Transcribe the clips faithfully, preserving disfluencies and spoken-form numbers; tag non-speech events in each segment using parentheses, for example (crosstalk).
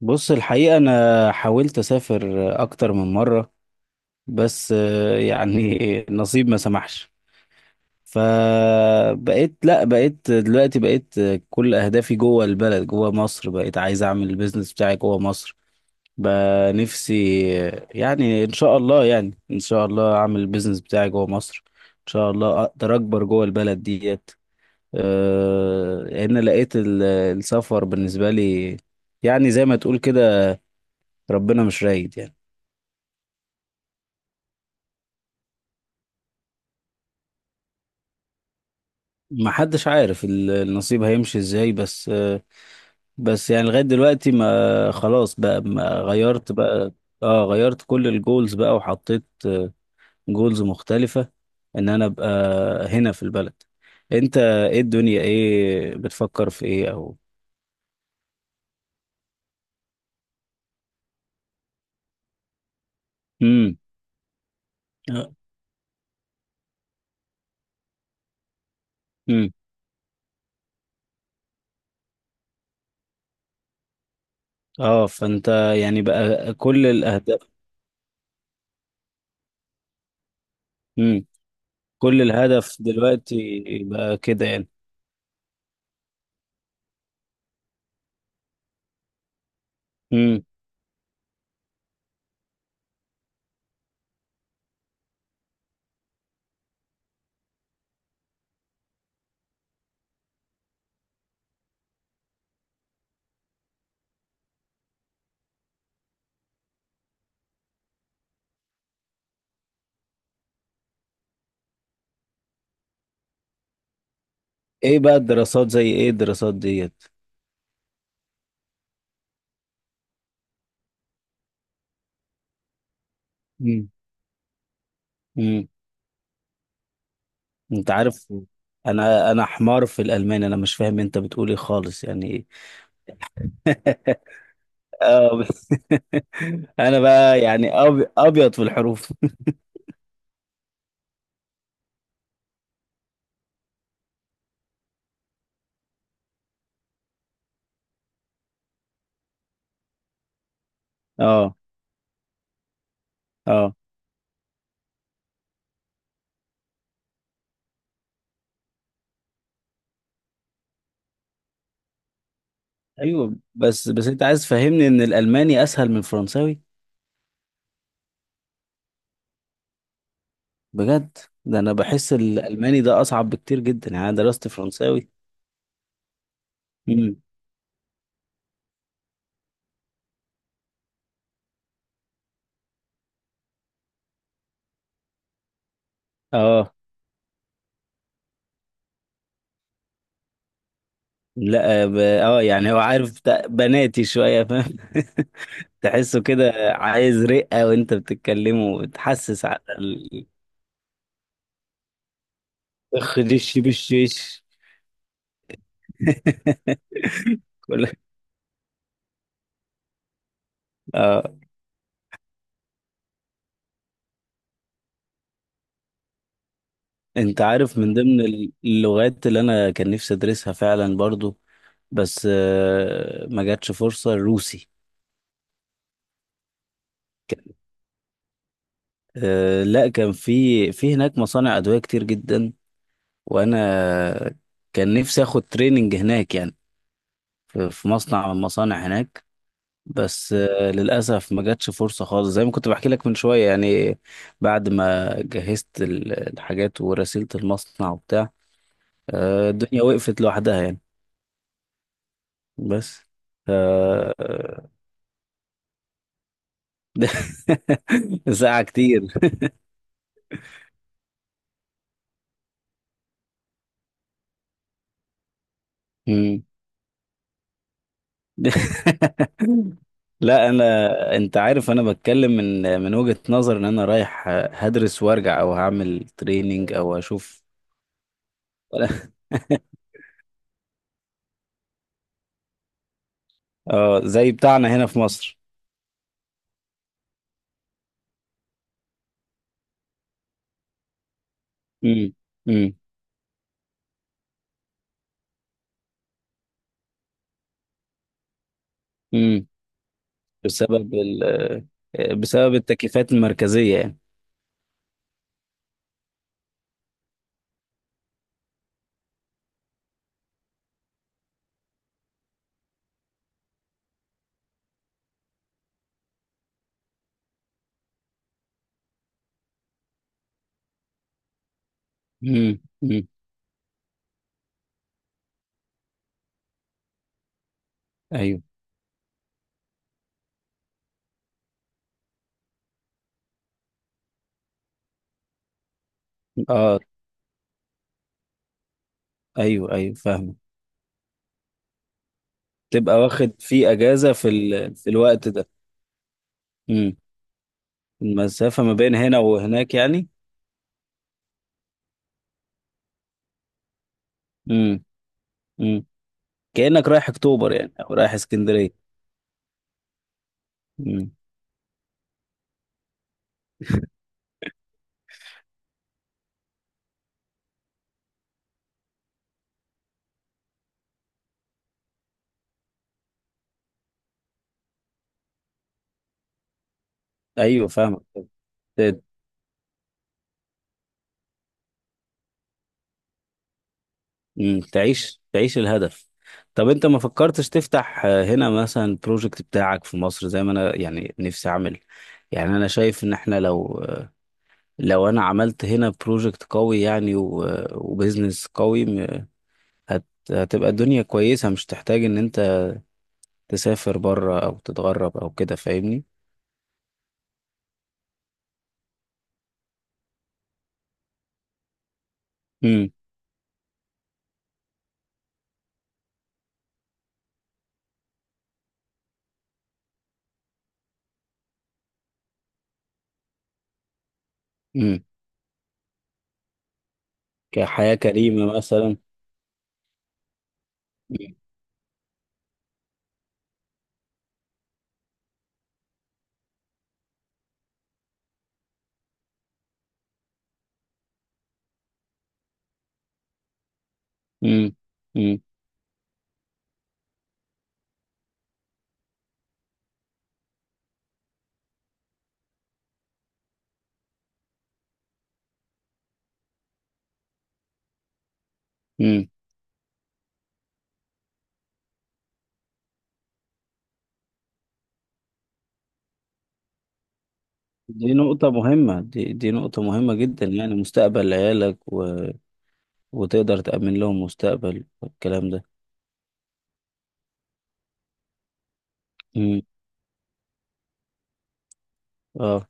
بص الحقيقة أنا حاولت أسافر أكتر من مرة. بس آه، يعني (laughs) نصيب ما سمحش. فبقيت، لا، بقيت دلوقتي، بقيت كل أهدافي جوه البلد، جوه مصر. بقيت عايز أعمل البيزنس بتاعي جوه مصر. بقى نفسي آه، يعني إن شاء الله يعني إن شاء الله أعمل البيزنس بتاعي جوه مصر. إن شاء الله أقدر أكبر جوه البلد ديت. آه، لأن لقيت ال- السفر بالنسبة لي، يعني زي ما تقول كده، ربنا مش رايد يعني. ما حدش عارف ال- النصيب هيمشي ازاي بس بس يعني لغاية دلوقتي، ما خلاص بقى، ما غيرت بقى. اه، غيرت كل الجولز بقى وحطيت جولز مختلفة، ان انا ابقى هنا في البلد. انت ايه؟ الدنيا ايه؟ بتفكر في ايه؟ او... امم. امم. اه، فانت يعني بقى كل الاهداف. امم. كل الهدف دلوقتي بقى كده يعني. امم. ايه بقى الدراسات؟ زي ايه الدراسات ديت؟ امم. انت عارف، انا انا حمار في الالمان، انا مش فاهم انت بتقول ايه خالص، يعني ايه؟ آه. (laughs) انا بقى يعني أبي- ابيض في الحروف. (laughs) اه، اه. ايوه، بس بس انت عايز تفهمني ان الالماني اسهل من الفرنساوي؟ بجد؟ ده انا بحس الالماني ده اصعب بكتير جدا، يعني انا درست فرنساوي. امم. اه، لا، ب... اه يعني هو عارف، بتاع- بناتي شويه فاهم. (laughs) تحسه كده عايز رقه وانت بتتكلمه، وتحسس على خديش بالشيش. (laughs) كل آه. انت عارف، من ضمن اللغات اللي انا كان نفسي ادرسها فعلا برضو، بس آه ما جاتش فرصة، الروسي. كان- آه لا، كان في في هناك مصانع ادوية كتير جدا، وانا كان نفسي اخد تريننج هناك يعني، في في مصنع من المصانع هناك. بس آه، للأسف ما جاتش فرصة خالص، زي ما كنت بحكي لك من شوية يعني. بعد ما جهزت ال- الحاجات ورسلت المصنع وبتاع، آه، الدنيا وقفت لوحدها يعني. بس. ف- (laughs) آه، ساعة كتير. (laughs) مم. (laughs) لا انا، انت عارف، انا بتكلم من من وجهة نظر ان انا رايح هدرس وارجع، او هعمل تريننج، او اشوف. (laughs) اه، زي بتاعنا هنا في مصر. امم. امم. بسبب ال بسبب التكليفات المركزية يعني. امم. امم. ايوه. اه. ايوه. ايوه، فاهمه. تبقى واخد في اجازة في ال... في الوقت ده. امم. المسافة ما بين هنا وهناك يعني. امم. امم. كأنك رايح اكتوبر يعني، او رايح اسكندرية. امم. ايوه فاهمك. ت- مم. تعيش تعيش الهدف. طب انت ما فكرتش تفتح آه، هنا مثلا بروجكت بتاعك في مصر، زي ما انا يعني نفسي اعمل؟ يعني انا شايف ان احنا لو لو انا عملت هنا بروجكت قوي يعني، و- وبزنس قوي، م- هت هتبقى الدنيا كويسة، مش تحتاج ان انت تسافر بره او تتغرب او كده، فاهمني؟ امم. امم. كحياة كريمة مثلا. امم. امم. امم. دي نقطة مهمة، دي دي نقطة مهمة جدا، يعني مستقبل عيالك، و... وتقدر تأمن لهم مستقبل والكلام ده. امم. اه.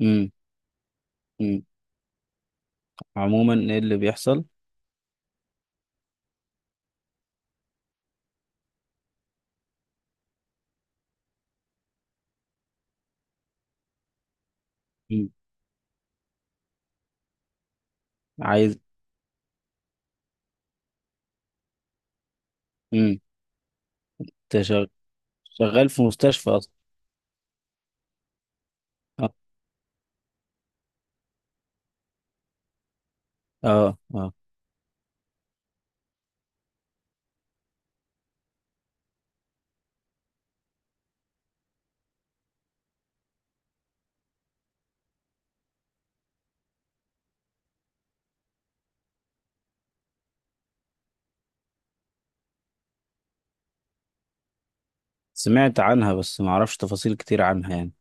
امم. امم. عموما ايه اللي بيحصل؟ مم. عايز. امم. شغال في مستشفى اصلا؟ اه. اه. آه. سمعت عنها بس ما اعرفش تفاصيل كتير عنها يعني.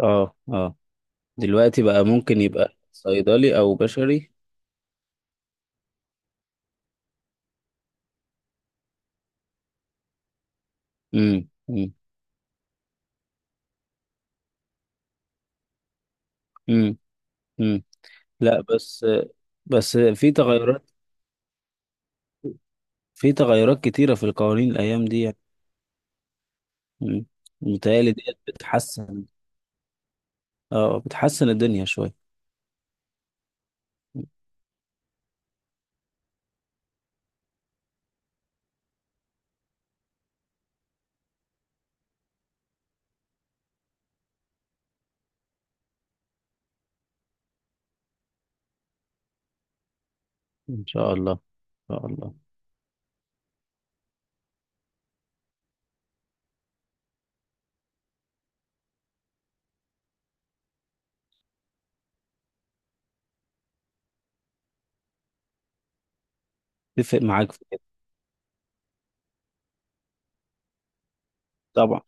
اه. اه. دلوقتي بقى ممكن يبقى صيدلي او بشري. امم. امم. امم. أمم. لا، بس بس في تغيرات. في تغيرات كتيرة في القوانين الايام دي يعني. أمم. متهيألي ديت بتحسن. اه، بتحسن الدنيا شوية. إن شاء الله. إن شاء الله. اتفق معاك في كده. طبعا.